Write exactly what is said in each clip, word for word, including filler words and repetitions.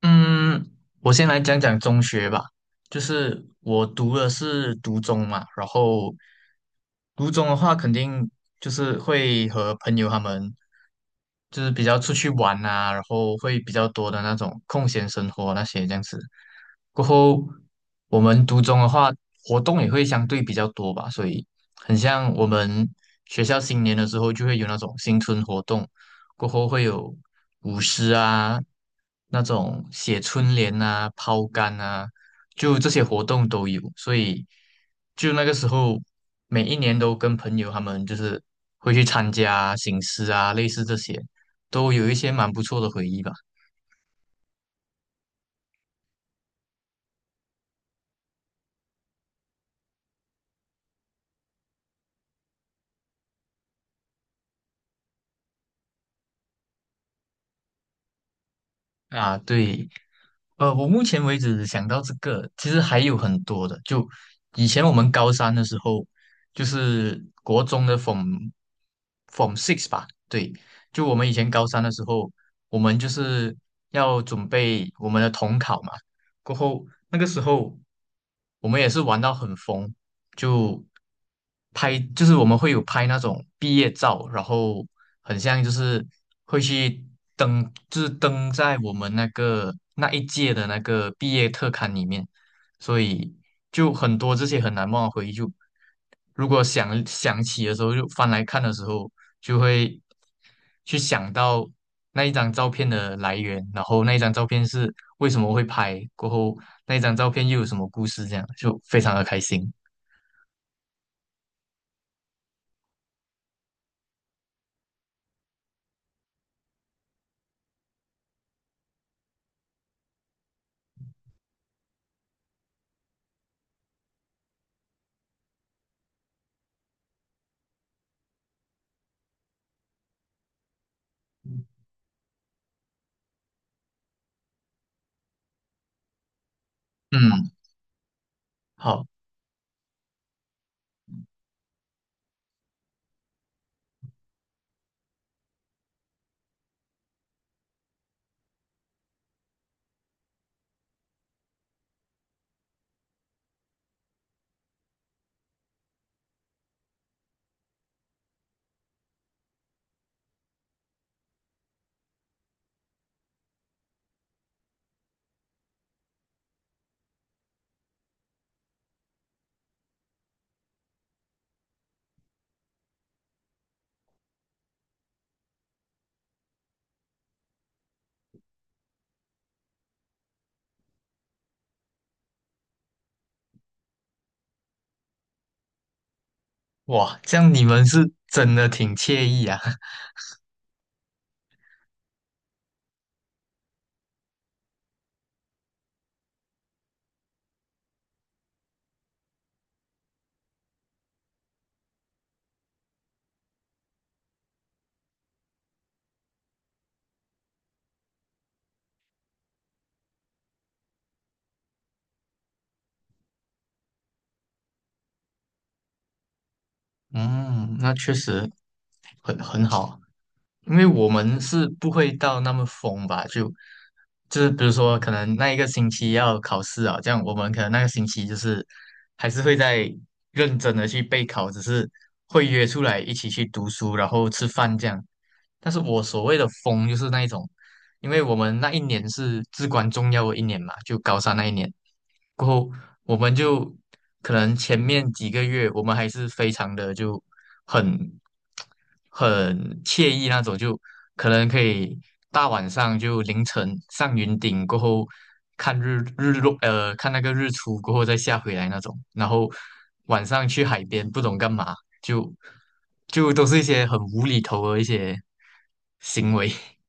嗯，我先来讲讲中学吧，就是我读的是读中嘛，然后读中的话，肯定就是会和朋友他们就是比较出去玩啊，然后会比较多的那种空闲生活那些这样子。过后，我们读中的话，活动也会相对比较多吧，所以很像我们学校新年的时候就会有那种新春活动，过后会有舞狮啊，那种写春联啊、抛竿啊，就这些活动都有，所以就那个时候，每一年都跟朋友他们就是会去参加行狮啊，类似这些，都有一些蛮不错的回忆吧。啊，对，呃，我目前为止想到这个，其实还有很多的。就以前我们高三的时候，就是国中的 Form Form Six 吧，对，就我们以前高三的时候，我们就是要准备我们的统考嘛。过后那个时候，我们也是玩到很疯，就拍，就是我们会有拍那种毕业照，然后很像就是会去登，就是登在我们那个那一届的那个毕业特刊里面，所以就很多这些很难忘的回忆就，如果想想起的时候，就翻来看的时候，就会去想到那一张照片的来源，然后那一张照片是为什么会拍，过后那一张照片又有什么故事，这样就非常的开心。嗯。好，哇，这样你们是真的挺惬意啊。嗯，那确实很很好，因为我们是不会到那么疯吧？就就是比如说，可能那一个星期要考试啊，这样我们可能那个星期就是还是会在认真的去备考，只是会约出来一起去读书，然后吃饭这样。但是我所谓的疯，就是那一种，因为我们那一年是至关重要的一年嘛，就高三那一年过后。我们就可能前面几个月我们还是非常的就很很惬意那种，就可能可以大晚上就凌晨上云顶过后看日日落，呃，看那个日出过后再下回来那种，然后晚上去海边不懂干嘛，就就都是一些很无厘头的一些行为。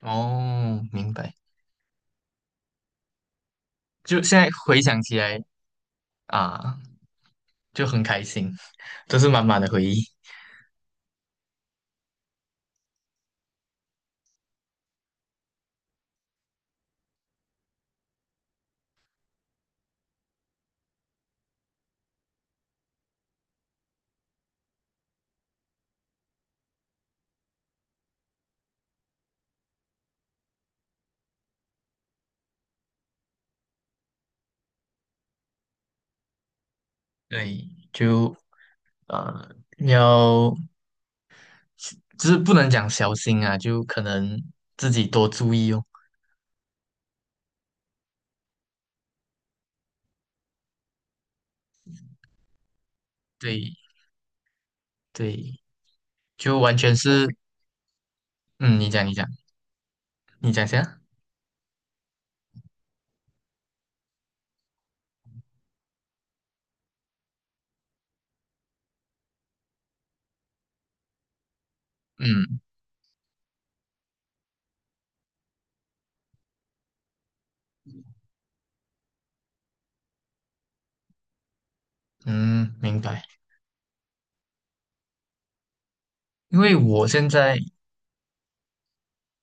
哦，明白。就现在回想起来啊。就很开心，都是满满的回忆。对，就呃，要就是不能讲小心啊，就可能自己多注意哦。对对，就完全是，嗯，你讲你讲你讲先啊。嗯嗯，明白。因为我现在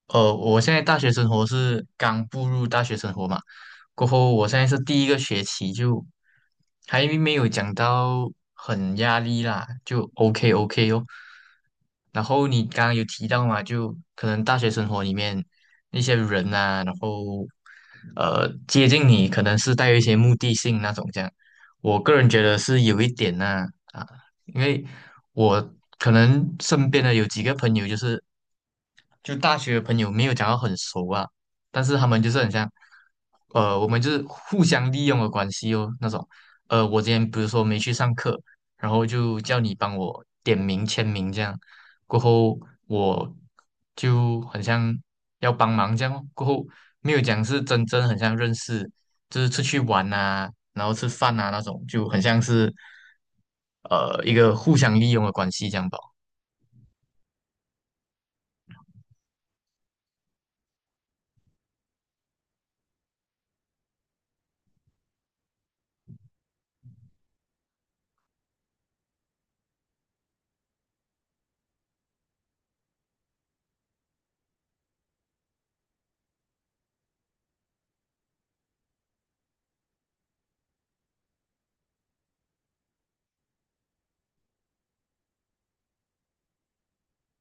呃，我现在大学生活是刚步入大学生活嘛，过后我现在是第一个学期就还没有讲到很压力啦，就 OK OK 哦。然后你刚刚有提到嘛，就可能大学生活里面那些人啊，然后呃接近你可能是带有一些目的性那种这样，我个人觉得是有一点呐啊，因为我可能身边的有几个朋友就是。就大学的朋友没有讲到很熟啊，但是他们就是很像，呃，我们就是互相利用的关系哦，那种，呃，我今天比如说没去上课，然后就叫你帮我点名签名这样，过后我就很像要帮忙这样哦过后没有讲是真正很像认识，就是出去玩啊，然后吃饭啊那种，就很像是，呃，一个互相利用的关系这样吧。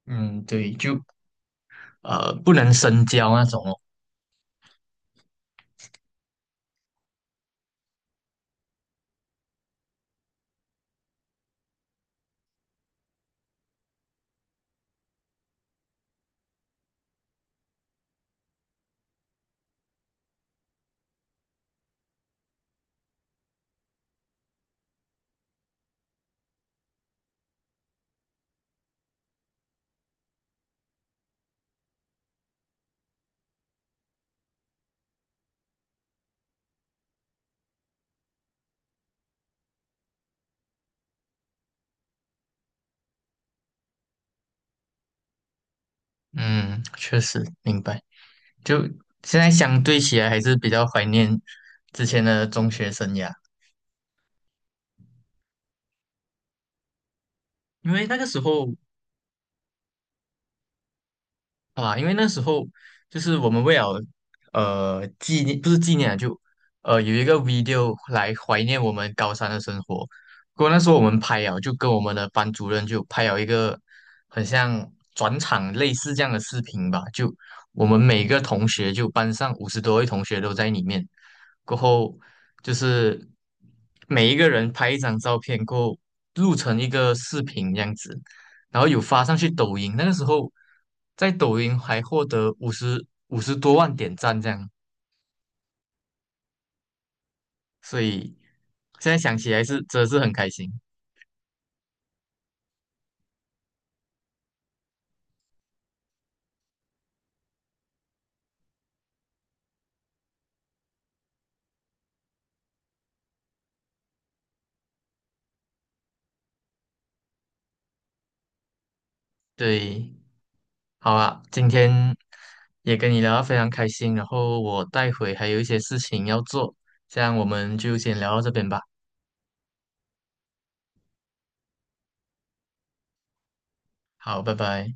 嗯，对，就呃，不能深交那种哦。嗯，确实明白。就现在相对起来，还是比较怀念之前的中学生涯，因为那个时候啊，因为那时候就是我们为了呃纪念，不是纪念啊，就呃有一个 video 来怀念我们高三的生活。不过那时候我们拍啊，就跟我们的班主任就拍了一个很像转场类似这样的视频吧，就我们每个同学就班上五十多位同学都在里面。过后就是每一个人拍一张照片，过后录成一个视频这样子，然后有发上去抖音。那个时候在抖音还获得五十五十多万点赞这样，所以现在想起来是真的是很开心。对，好啊，今天也跟你聊得非常开心，然后我待会还有一些事情要做，这样我们就先聊到这边吧。好，拜拜。